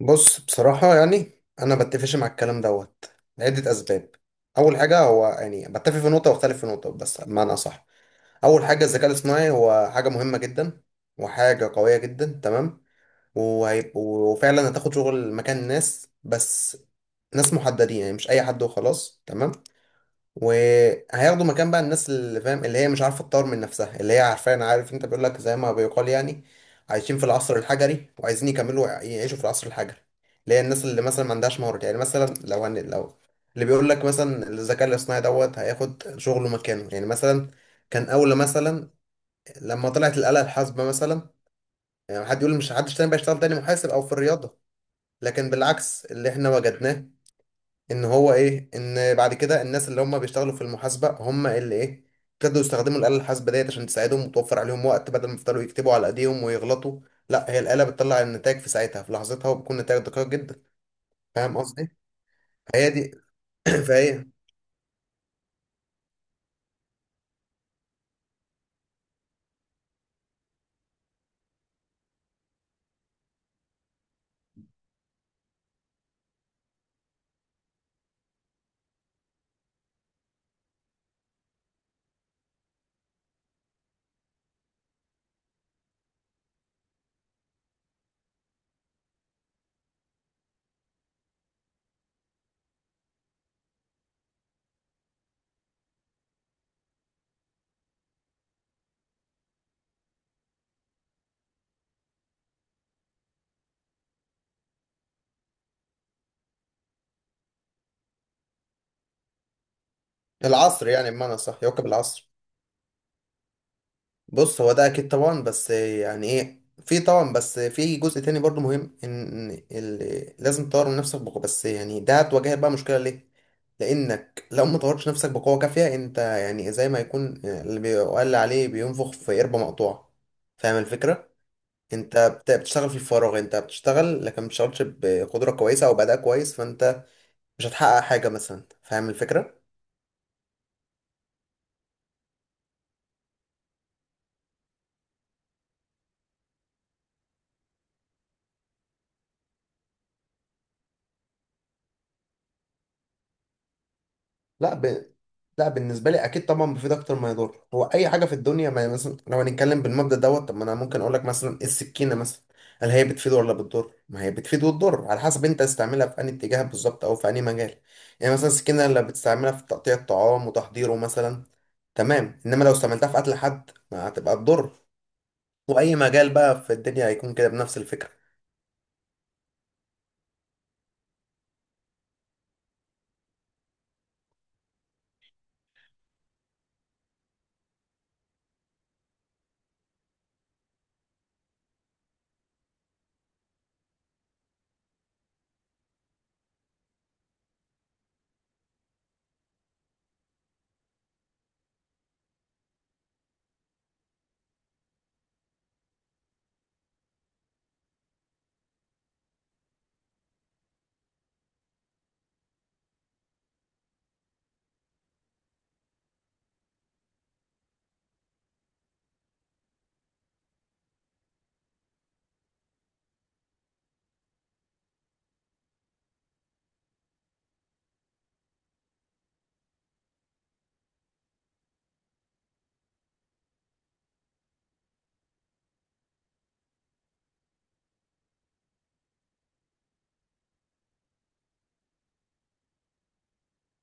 بص، بصراحة يعني أنا بتفقش مع الكلام دوت لعدة أسباب. أول حاجة هو يعني بتفق في نقطة واختلف في نقطة، بس بمعنى أصح أول حاجة الذكاء الاصطناعي هو حاجة مهمة جدا وحاجة قوية جدا. تمام. وفعلا هتاخد شغل مكان ناس، بس ناس محددين يعني مش أي حد وخلاص. تمام. وهياخدوا مكان بقى الناس اللي فاهم اللي هي مش عارفه تطور من نفسها، اللي هي عارفين، عارف انت، بيقول لك زي ما بيقال يعني عايشين في العصر الحجري وعايزين يكملوا يعيشوا في العصر الحجري. اللي هي الناس اللي مثلا ما عندهاش مهارات. يعني مثلا لو اللي بيقول لك مثلا الذكاء الاصطناعي دوت هياخد شغله مكانه. يعني مثلا كان اول مثلا لما طلعت الآلة الحاسبة مثلا، يعني حد يقول مش حدش تاني بقى يشتغل تاني محاسب او في الرياضة. لكن بالعكس اللي احنا وجدناه ان هو ايه، ان بعد كده الناس اللي هم بيشتغلوا في المحاسبه هم اللي ايه ابتدوا يستخدموا الاله الحاسبه ديت عشان تساعدهم وتوفر عليهم وقت، بدل ما يفضلوا يكتبوا على ايديهم ويغلطوا. لا، هي الاله بتطلع النتائج في ساعتها في لحظتها وبيكون نتائج دقيق جدا. فاهم قصدي؟ فهي دي فهي العصر، يعني بمعنى صح يواكب العصر. بص، هو ده اكيد طبعا، بس يعني ايه، في طبعا بس في جزء تاني برضو مهم ان لازم تطور من نفسك بقوة، بس يعني ده هتواجهك بقى مشكلة ليه. لانك لو ما طورتش نفسك بقوة كافية انت، يعني زي ما يكون اللي بيقال عليه بينفخ في قربة مقطوعة. فاهم الفكرة؟ انت بتشتغل في الفراغ، انت بتشتغل لكن ما بتشتغلش بقدرة كويسة او بأداء كويس، فانت مش هتحقق حاجة مثلا. فاهم الفكرة؟ لا ب... لا بالنسبه لي اكيد طبعا بيفيد اكتر ما يضر. هو اي حاجه في الدنيا، ما مثلا لو هنتكلم بالمبدا دوت، طب ما انا ممكن اقول لك مثلا إيه، السكينه مثلا هل هي بتفيد ولا بتضر؟ ما هي بتفيد وتضر على حسب انت تستعملها في انهي اتجاه بالظبط او في انهي مجال. يعني مثلا السكينه اللي بتستعملها في تقطيع الطعام وتحضيره مثلا، تمام، انما لو استعملتها في قتل حد ما، هتبقى تضر. واي مجال بقى في الدنيا هيكون كده بنفس الفكره.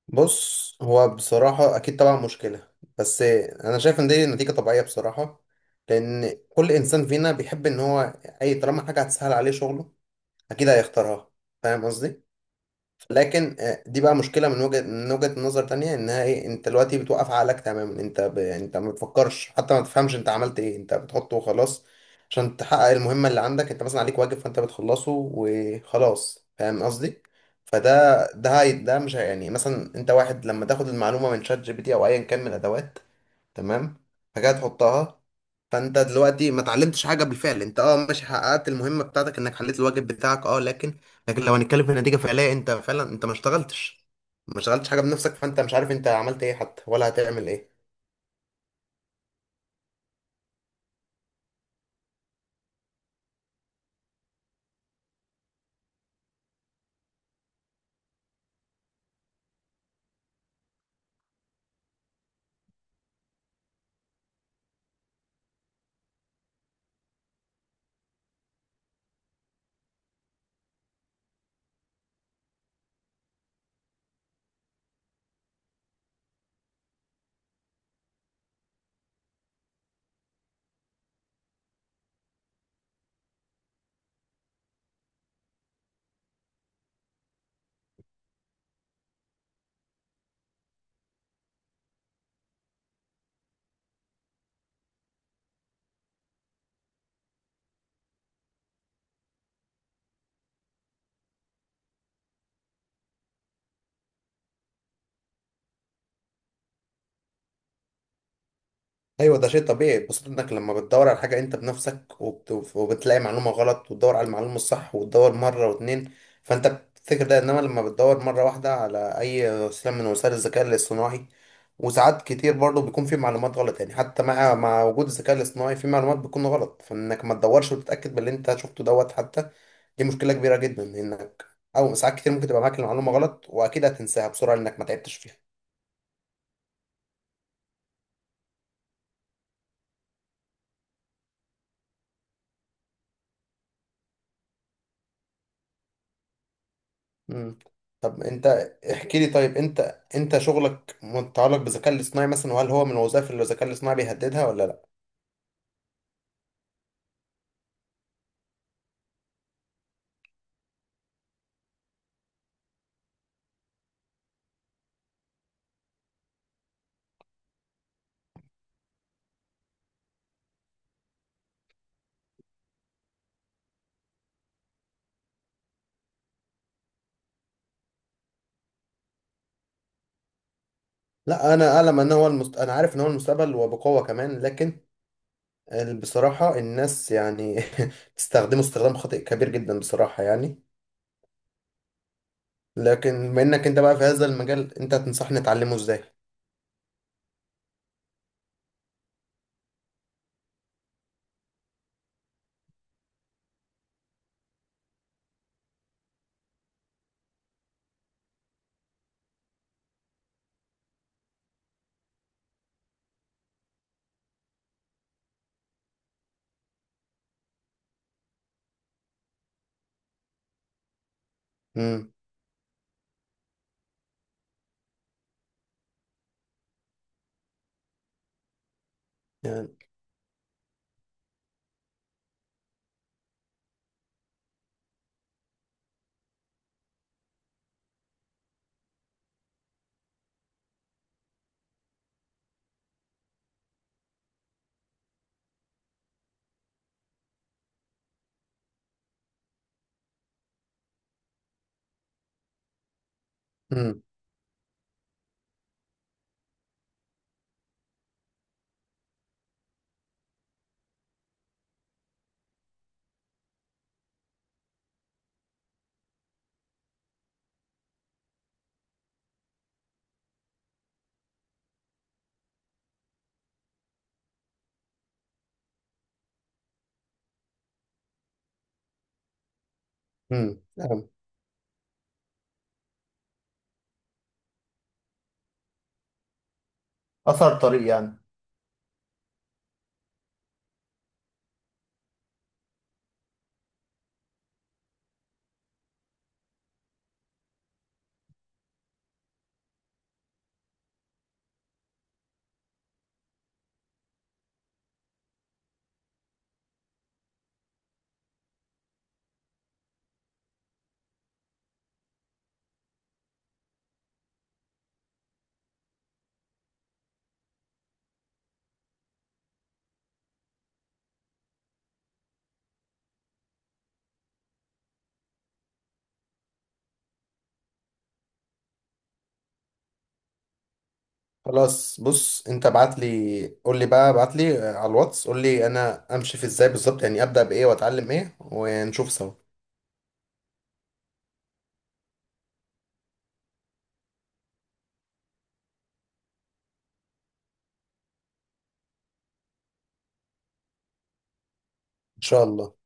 بص، هو بصراحة أكيد طبعا مشكلة، بس أنا شايف إن دي نتيجة طبيعية بصراحة. لأن كل إنسان فينا بيحب إن هو أي طالما حاجة هتسهل عليه شغله أكيد هيختارها. فاهم قصدي؟ لكن دي بقى مشكله من وجهه نظر تانية، انها ايه، انت دلوقتي بتوقف عقلك تماما. يعني انت ما بتفكرش حتى، ما تفهمش انت عملت ايه، انت بتحطه وخلاص عشان تحقق المهمه اللي عندك. انت مثلا عليك واجب فانت بتخلصه وخلاص. فاهم قصدي؟ فده ده هي... ده مش هي- يعني مثلا انت واحد لما تاخد المعلومه من شات جي بي تي او ايا كان من الادوات، تمام، فجاه تحطها. فانت دلوقتي ما اتعلمتش حاجه بالفعل. انت ماشي حققت المهمه بتاعتك انك حليت الواجب بتاعك، لكن لو هنتكلم في نتيجة فعلية انت فعلا انت ما اشتغلتش، حاجة بنفسك. فانت مش عارف انت عملت ايه حتى ولا هتعمل ايه. ايوه، ده شيء طبيعي. بخصوص انك لما بتدور على حاجة انت بنفسك وبتلاقي معلومة غلط وتدور على المعلومة الصح وتدور مرة واتنين، فانت بتفتكر ده. انما لما بتدور مرة واحدة على اي وسيلة من وسائل الذكاء الاصطناعي، وساعات كتير برضه بيكون في معلومات غلط، يعني حتى مع وجود الذكاء الاصطناعي في معلومات بتكون غلط، فانك ما تدورش وتتأكد باللي انت شفته دوت حتى. دي مشكلة كبيرة جدا، انك او ساعات كتير ممكن تبقى معاك المعلومة غلط واكيد هتنساها بسرعة لانك ما تعبتش فيها. مم. طب انت احكي لي، طيب انت، انت شغلك متعلق بالذكاء الاصطناعي مثلا، وهل هو من الوظائف اللي الذكاء الاصطناعي بيهددها ولا لا؟ لا، انا عارف ان هو المستقبل وبقوة كمان. لكن بصراحة الناس يعني بتستخدمه استخدام خاطئ كبير جدا بصراحة يعني. لكن بما انك انت بقى في هذا المجال، انت تنصحني اتعلمه ازاي؟ امم. يعني. امم. امم. اثر طريق يعني. خلاص، بص، انت ابعت لي، قول لي بقى، ابعت لي على الواتس، قول لي انا امشي في ازاي بالظبط، يعني ابدا بايه واتعلم ايه ونشوف سوا. ان شاء الله.